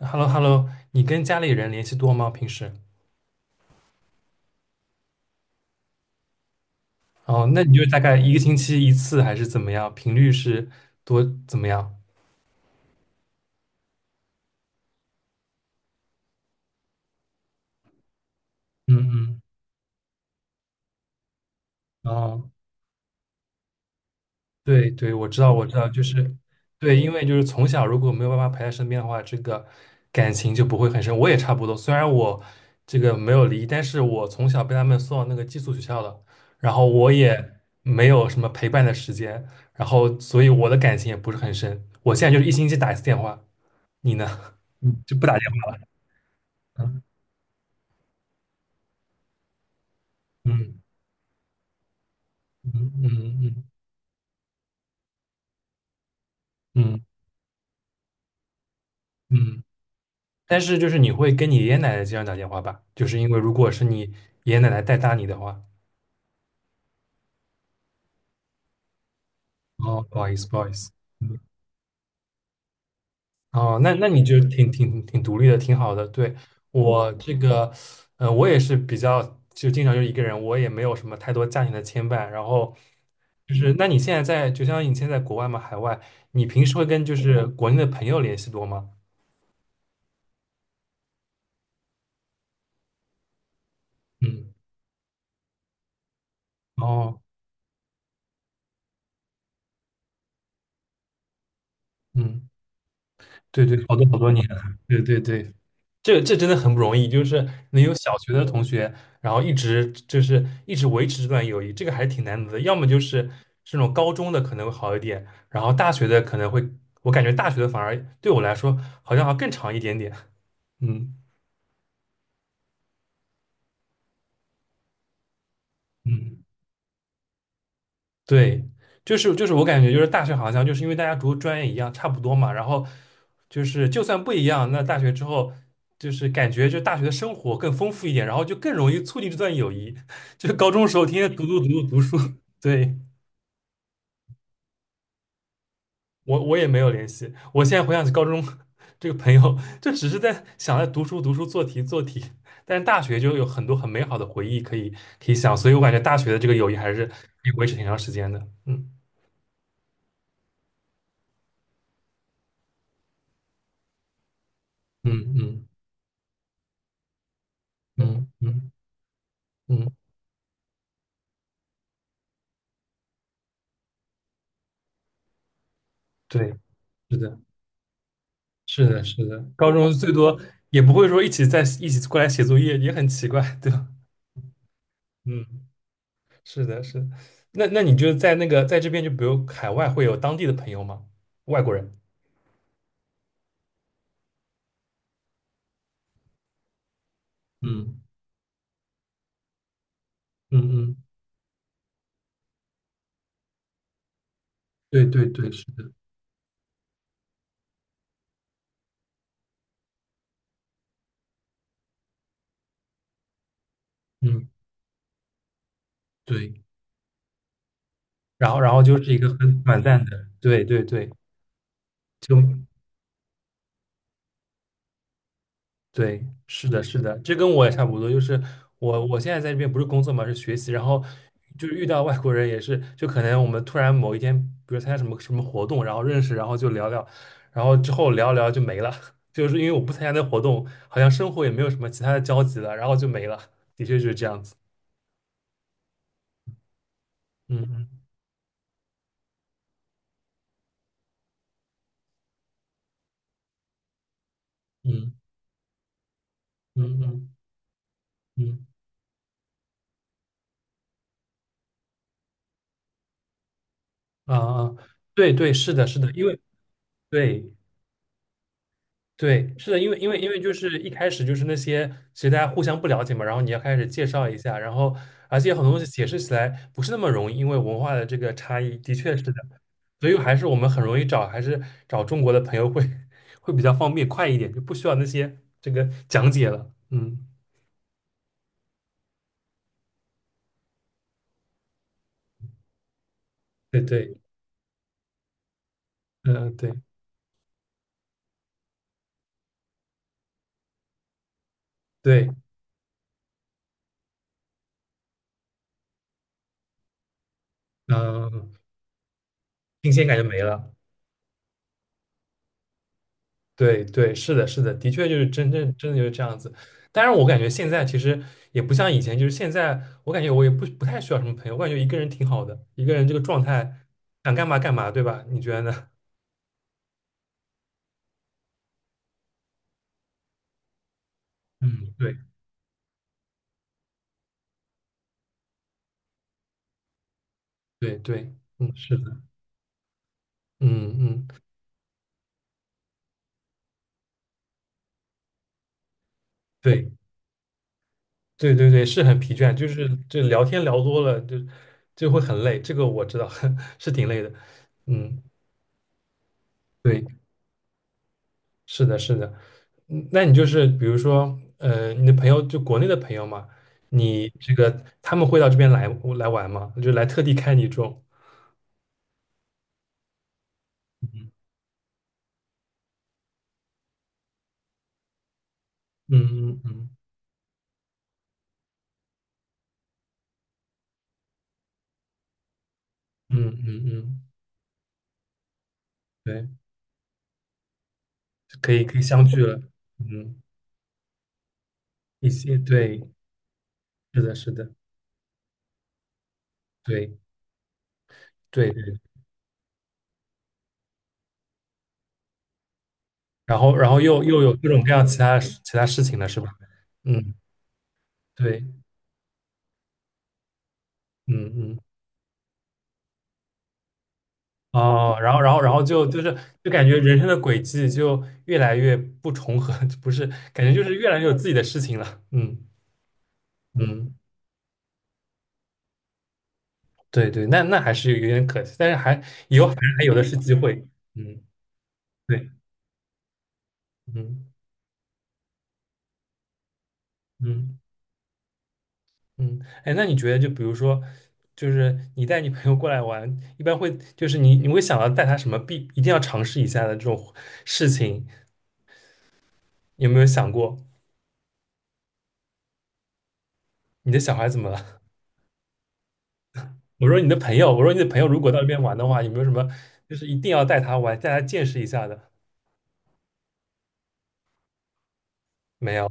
h e l l o h e l l o 你跟家里人联系多吗？平时？哦，那你就大概一个星期一次还是怎么样？频率是多怎么样？嗯嗯，哦，对对，我知道我知道，就是对，因为就是从小如果没有爸妈陪在身边的话，这个感情就不会很深。我也差不多，虽然我这个没有离，但是我从小被他们送到那个寄宿学校的，然后我也没有什么陪伴的时间，然后所以我的感情也不是很深。我现在就是一星期打一次电话。你呢？嗯，就不打电话了？嗯嗯嗯嗯嗯嗯。但是就是你会跟你爷爷奶奶经常打电话吧？就是因为如果是你爷爷奶奶带大你的话，哦，不好意思，不好意思。嗯，哦，那你就挺独立的，挺好的。对，我这个，我也是比较就经常就一个人，我也没有什么太多家庭的牵绊。然后就是，那你现在在，就像你现在在国外嘛，海外，你平时会跟就是国内的朋友联系多吗？嗯，哦，嗯。对对，好多好多年了，对对对，这真的很不容易，就是能有小学的同学，然后一直就是一直维持这段友谊，这个还是挺难得的。要么就是这种高中的可能会好一点，然后大学的可能会，我感觉大学的反而对我来说好像还更长一点点。嗯嗯。对，就是我感觉就是大学好像就是因为大家读的专业一样，差不多嘛，然后就是就算不一样，那大学之后就是感觉就大学的生活更丰富一点，然后就更容易促进这段友谊。就是高中时候天天读读读读读书，对，我也没有联系。我现在回想起高中 这个朋友，就只是在想在读书读书做题做题，但是大学就有很多很美好的回忆可以想，所以我感觉大学的这个友谊还是可以维持挺长时间的。嗯嗯嗯嗯嗯嗯。对，是的，是的，是的，高中最多也不会说一起在一起过来写作业，也很奇怪，对吧？嗯，是的，是的。那你就在那个在这边，就比如海外会有当地的朋友吗？外国人？嗯嗯嗯，对对对，是的，嗯，对，然后就是一个很短暂的，对对对，就对，是的，是的，这跟我也差不多。就是我现在在这边不是工作嘛，是学习，然后就是遇到外国人也是，就可能我们突然某一天，比如参加什么什么活动，然后认识，然后就聊聊，然后之后聊聊就没了，就是因为我不参加那活动，好像生活也没有什么其他的交集了，然后就没了。的确就是这样子。嗯嗯嗯嗯嗯嗯啊啊，对对，是的，是的，因为对。对，是的，因为就是一开始就是那些，其实大家互相不了解嘛，然后你要开始介绍一下，然后而且很多东西解释起来不是那么容易，因为文化的这个差异，的确是的，所以还是我们很容易找，还是找中国的朋友会比较方便快一点，就不需要那些这个讲解了。嗯，对对，嗯、对对，嗯、新鲜感就没了。对对，是的，是的，的确就是真正真的就是这样子。当然，我感觉现在其实也不像以前，就是现在我感觉我也不太需要什么朋友，我感觉一个人挺好的，一个人这个状态想干嘛干嘛，对吧？你觉得呢？嗯 对对对，嗯，是的，嗯嗯，对对对对，是很疲倦，就是这聊天聊多了就会很累，这个我知道 是挺累的，嗯。对。是的，是的，嗯，那你就是比如说，你的朋友就国内的朋友嘛，你这个他们会到这边来玩吗？就来特地看你这种，嗯嗯嗯嗯嗯嗯，对，可以相聚了，嗯，一些对，是的，是的，对对对，然后又有各种各样其他事情了，是吧？嗯，对，嗯嗯。哦，然后就是就感觉人生的轨迹就越来越不重合，不是，感觉就是越来越有自己的事情了。嗯嗯，对对，那还是有点可惜，但是以后还有的是机会。嗯，对，嗯嗯嗯，哎，那你觉得就比如说，就是你带你朋友过来玩，一般会就是你会想到带他什么一定要尝试一下的这种事情，有没有想过？你的小孩怎么了？我说你的朋友，我说你的朋友如果到那边玩的话，有没有什么就是一定要带他玩，带他见识一下的？没有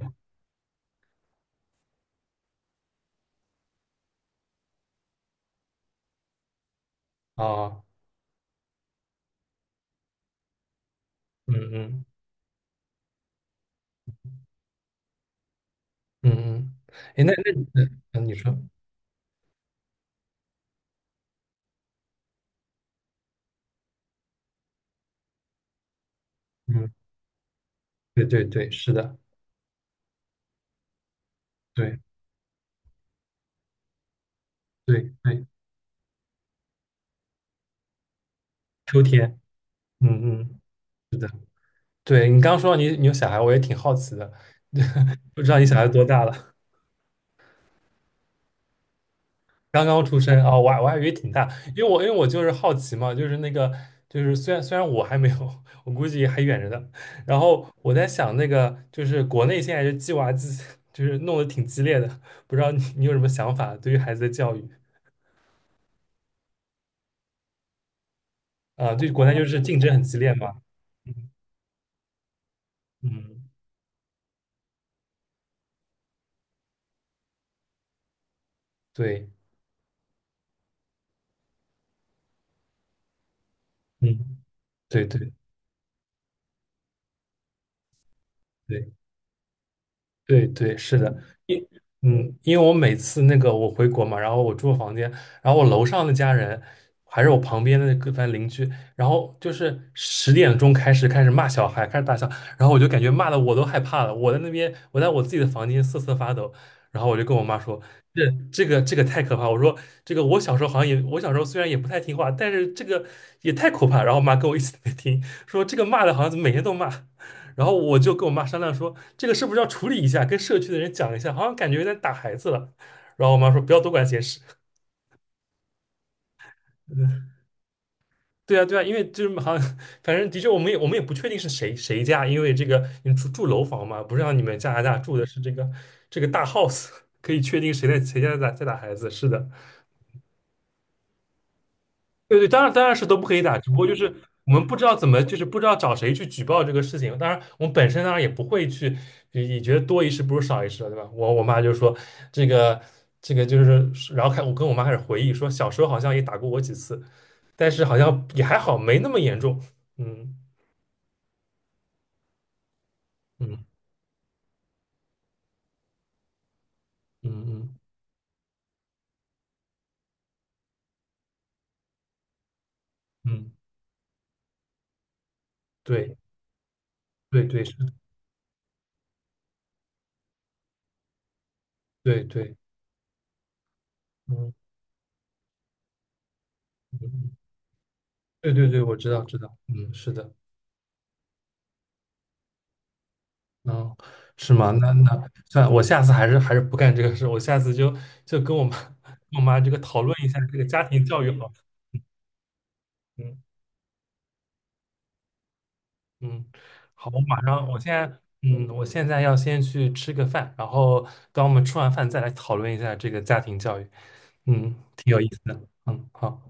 啊，嗯嗯嗯嗯，哎，那你那你说，嗯，对对对，是的，对对对，秋天，嗯嗯，是的，对你刚刚说到你有小孩，我也挺好奇的，不知道你小孩多大了？刚刚出生啊，我还以为挺大，因为我就是好奇嘛，就是那个就是虽然我还没有，我估计还远着呢。然后我在想那个就是国内现在就鸡娃就是弄得挺激烈的，不知道你有什么想法对于孩子的教育啊？对，国内就是竞争很激烈嘛。嗯嗯，对，嗯，对对对。对对，是的，嗯，嗯，因为我每次那个我回国嘛，然后我住房间，然后我楼上的家人，还是我旁边的那个反正邻居，然后就是10点钟开始骂小孩，开始大笑，然后我就感觉骂的我都害怕了，我在那边我在我自己的房间瑟瑟发抖，然后我就跟我妈说，这这个太可怕，我说这个我小时候好像也我小时候虽然也不太听话，但是这个也太可怕，然后我妈跟我一起在听，说这个骂的好像怎么每天都骂，然后我就跟我妈商量说，这个是不是要处理一下，跟社区的人讲一下，好像感觉有点打孩子了。然后我妈说不要多管闲事。嗯，对啊，对啊，因为就是 好像，反正的确，我们也不确定是谁家，因为这个你住楼房嘛，不是让你们加拿大住的是这个大 house，可以确定谁在谁家在打孩子。是的，对对，当然是都不可以打，只不过就是我们不知道怎么，就是不知道找谁去举报这个事情。当然，我们本身当然也不会去，也觉得多一事不如少一事了，对吧？我妈就说这个这个就是，然后我跟我妈开始回忆说，小时候好像也打过我几次，但是好像也还好，没那么严重。嗯嗯嗯嗯嗯，对对对是，对对，嗯嗯，嗯，对对对，我知道知道，嗯，是的。嗯，是吗？那算了，我下次还是不干这个事，我下次就跟我妈 跟我妈这个讨论一下这个家庭教育好了。嗯嗯，好，我马上，我现在要先去吃个饭，然后等我们吃完饭再来讨论一下这个家庭教育。嗯，挺有意思的。嗯，好。